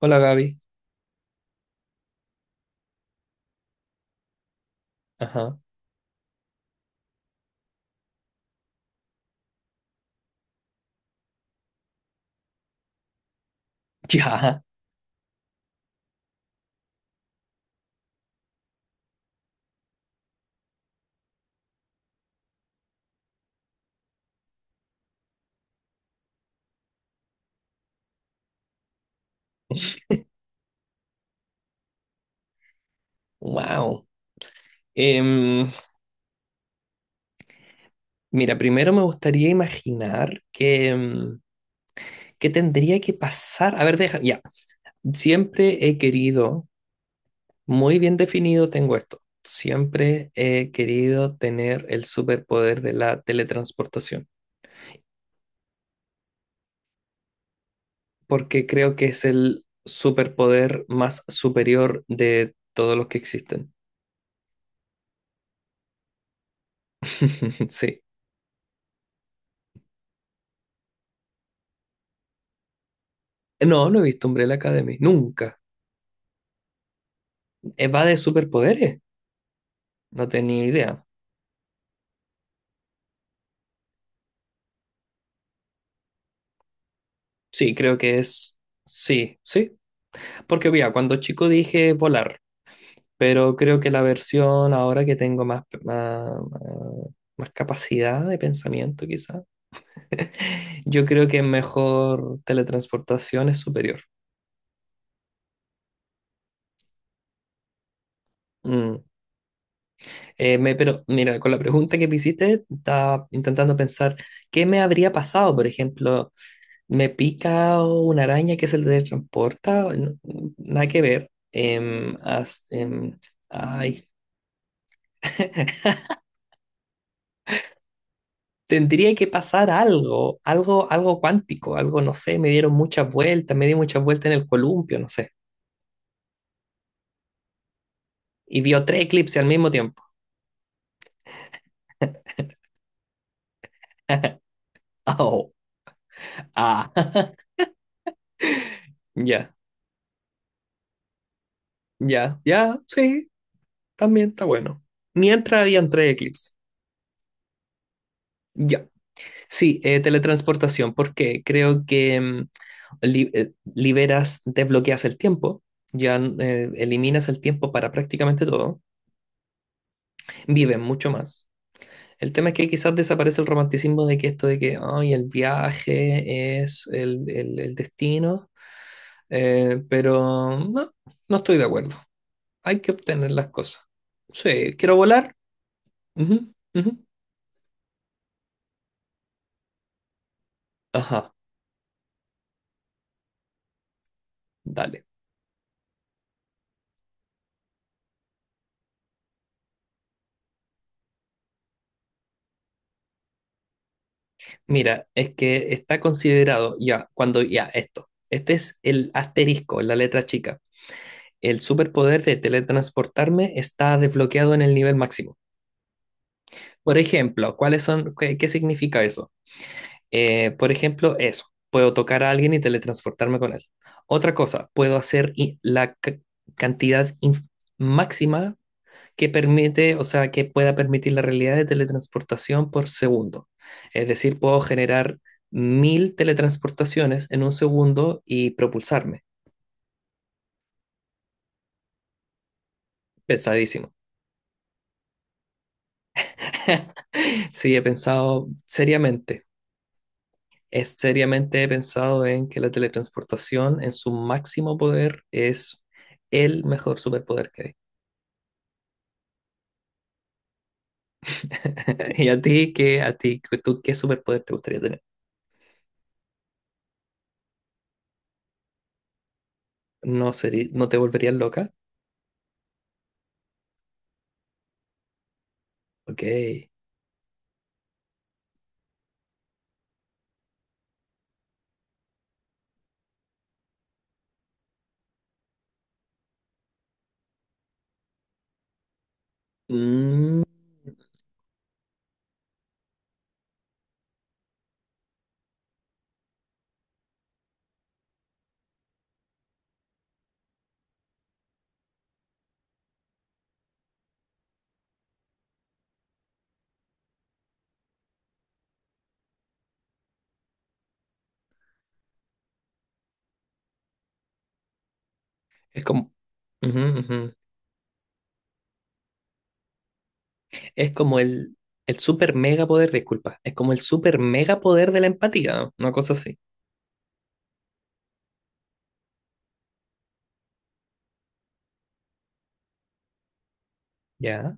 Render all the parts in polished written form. Hola, Gaby. Ajá. Ya. Wow. Em, Mira, primero me gustaría imaginar que, qué tendría que pasar. A ver, deja. Ya. Siempre he querido, muy bien definido tengo esto. Siempre he querido tener el superpoder de la teletransportación, porque creo que es el superpoder más superior de todos los que existen. Sí. No, no he visto Umbrella Academy. Nunca. Va de superpoderes. No tenía idea. Sí, creo que es. Sí, sí. Porque mira, cuando chico dije volar, pero creo que la versión ahora que tengo más, más capacidad de pensamiento, quizá, yo creo que mejor teletransportación es superior. Mm. Pero mira, con la pregunta que me hiciste, estaba intentando pensar qué me habría pasado. Por ejemplo, me pica una araña que se teletransporta. No, nada que ver. Ay. Tendría que pasar algo, algo, algo cuántico, algo, no sé, me dieron muchas vueltas, me di muchas vueltas en el columpio, no sé. Y vio tres eclipses al mismo tiempo. Oh, ah, ya, ya, sí, también está bueno. Mientras habían tres eclipses. Ya. Sí, teletransportación, porque creo que mm, liberas, desbloqueas el tiempo, ya eliminas el tiempo para prácticamente todo, vives mucho más. El tema es que quizás desaparece el romanticismo de que esto de que ay, el viaje es el destino, pero no, no estoy de acuerdo. Hay que obtener las cosas. Sí, quiero volar. Ujú, ujú. Ajá, dale. Mira, es que está considerado ya, cuando ya, esto. Este es el asterisco, la letra chica. El superpoder de teletransportarme está desbloqueado en el nivel máximo. Por ejemplo, ¿cuáles son, qué significa eso? Por ejemplo, eso. Puedo tocar a alguien y teletransportarme con él. Otra cosa, puedo hacer cantidad máxima que permite, o sea, que pueda permitir la realidad de teletransportación por segundo. Es decir, puedo generar mil teletransportaciones en un segundo y propulsarme. Pesadísimo. Sí, he pensado seriamente. Es seriamente he pensado en que la teletransportación en su máximo poder es el mejor superpoder que hay. ¿Y a ti qué, a ti, tú, qué superpoder te gustaría tener? ¿No sería, no te volverías loca? Ok. Mm. Es como, ujú, ujú. Es como el super mega poder, disculpa, es como el super mega poder de la empatía, ¿no? Una cosa así. Ya.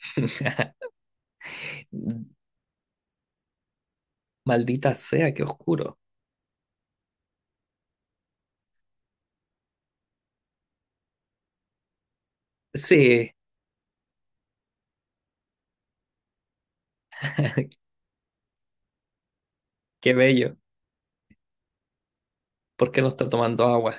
Maldita sea, qué oscuro. Sí, qué bello. ¿Por qué no está tomando agua?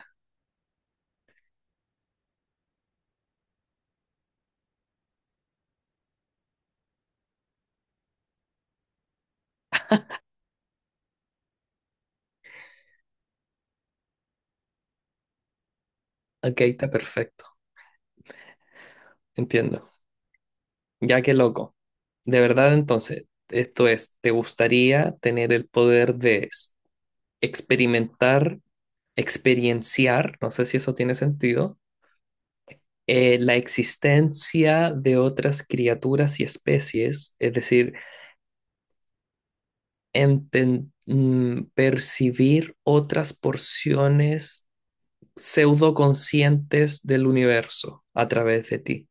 Ok, está perfecto. Entiendo. Ya, que loco. De verdad, entonces, esto es, ¿te gustaría tener el poder de experimentar, experienciar, no sé si eso tiene sentido, la existencia de otras criaturas y especies, es decir, percibir otras porciones pseudoconscientes del universo a través de ti?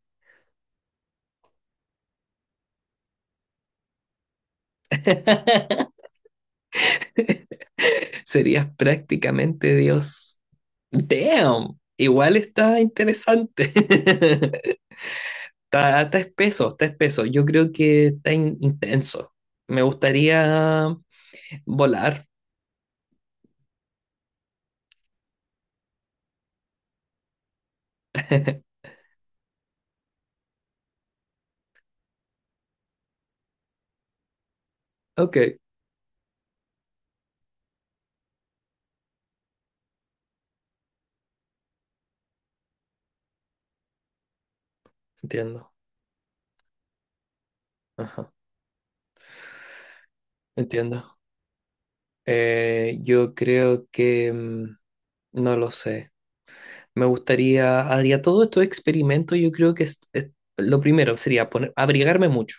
Serías prácticamente Dios. Damn, igual está interesante. Está, está espeso, está espeso. Yo creo que está intenso. Me gustaría volar. Ok, entiendo. Ajá, entiendo. Yo creo que mm, no lo sé. Me gustaría, haría todo estos experimentos. Yo creo que lo primero sería poner, abrigarme mucho.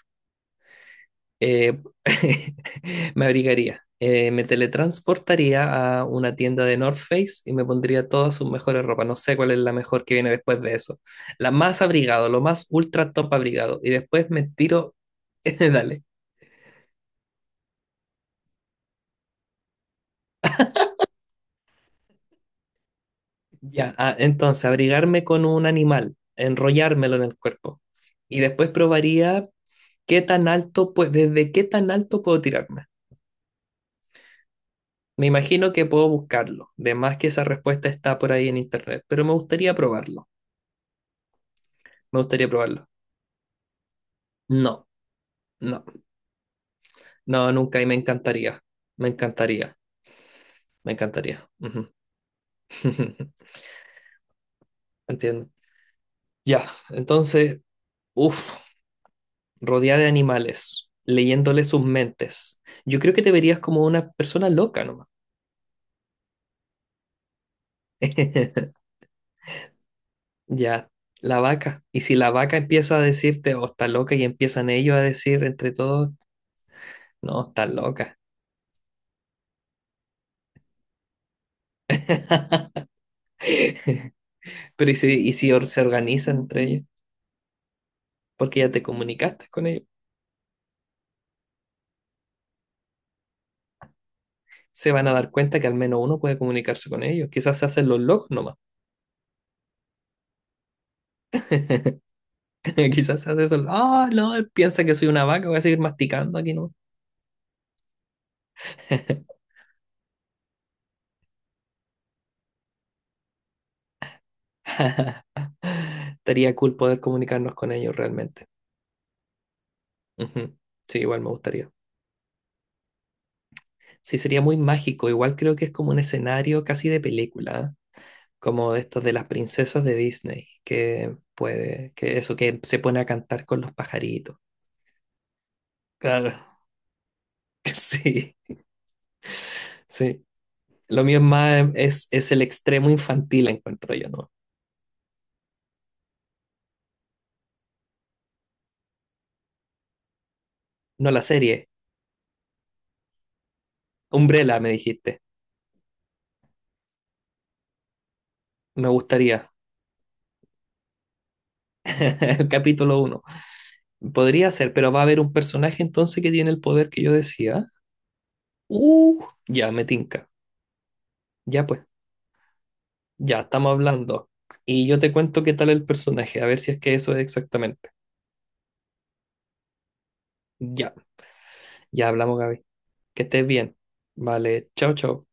Eh, me abrigaría. Me teletransportaría a una tienda de North Face y me pondría todas sus mejores ropas. No sé cuál es la mejor que viene después de eso. La más abrigado, lo más ultra top abrigado. Y después me tiro. Dale. Ya. Ah, entonces, abrigarme con un animal, enrollármelo en el cuerpo. Y después probaría qué tan alto, pues, desde qué tan alto puedo tirarme. Me imagino que puedo buscarlo. De más que esa respuesta está por ahí en internet, pero me gustaría probarlo. Me gustaría probarlo. No, no, no, nunca y me encantaría. Me encantaría, me encantaría. Ujú. Entiendo. Ya, entonces, uff, rodeada de animales, leyéndole sus mentes. Yo creo que te verías como una persona loca nomás. Ya, la vaca. Y si la vaca empieza a decirte, oh, está loca, y empiezan ellos a decir entre todos, no, está loca. Pero y si se organizan entre ellos? Porque ya te comunicaste con ellos. Se van a dar cuenta que al menos uno puede comunicarse con ellos. Quizás se hacen los locos nomás. Quizás se hace eso. Ah, no, él piensa que soy una vaca, voy a seguir masticando aquí, ¿no? Estaría cool poder comunicarnos con ellos realmente. Ujú. Sí, igual me gustaría. Sí, sería muy mágico. Igual creo que es como un escenario casi de película, ¿eh? Como de estos de las princesas de Disney, que puede, que eso, que se pone a cantar con los pajaritos. Claro. Sí, sí. Lo mío es más, es el extremo infantil, encuentro yo, ¿no? No, la serie. Umbrella, me dijiste. Me gustaría. El capítulo uno. Podría ser, pero va a haber un personaje entonces que tiene el poder que yo decía. Ya, me tinca. Ya pues, ya estamos hablando. Y yo te cuento qué tal el personaje, a ver si es que eso es exactamente. Ya, ya hablamos, Gaby. Que estés bien. Vale, chao, chao.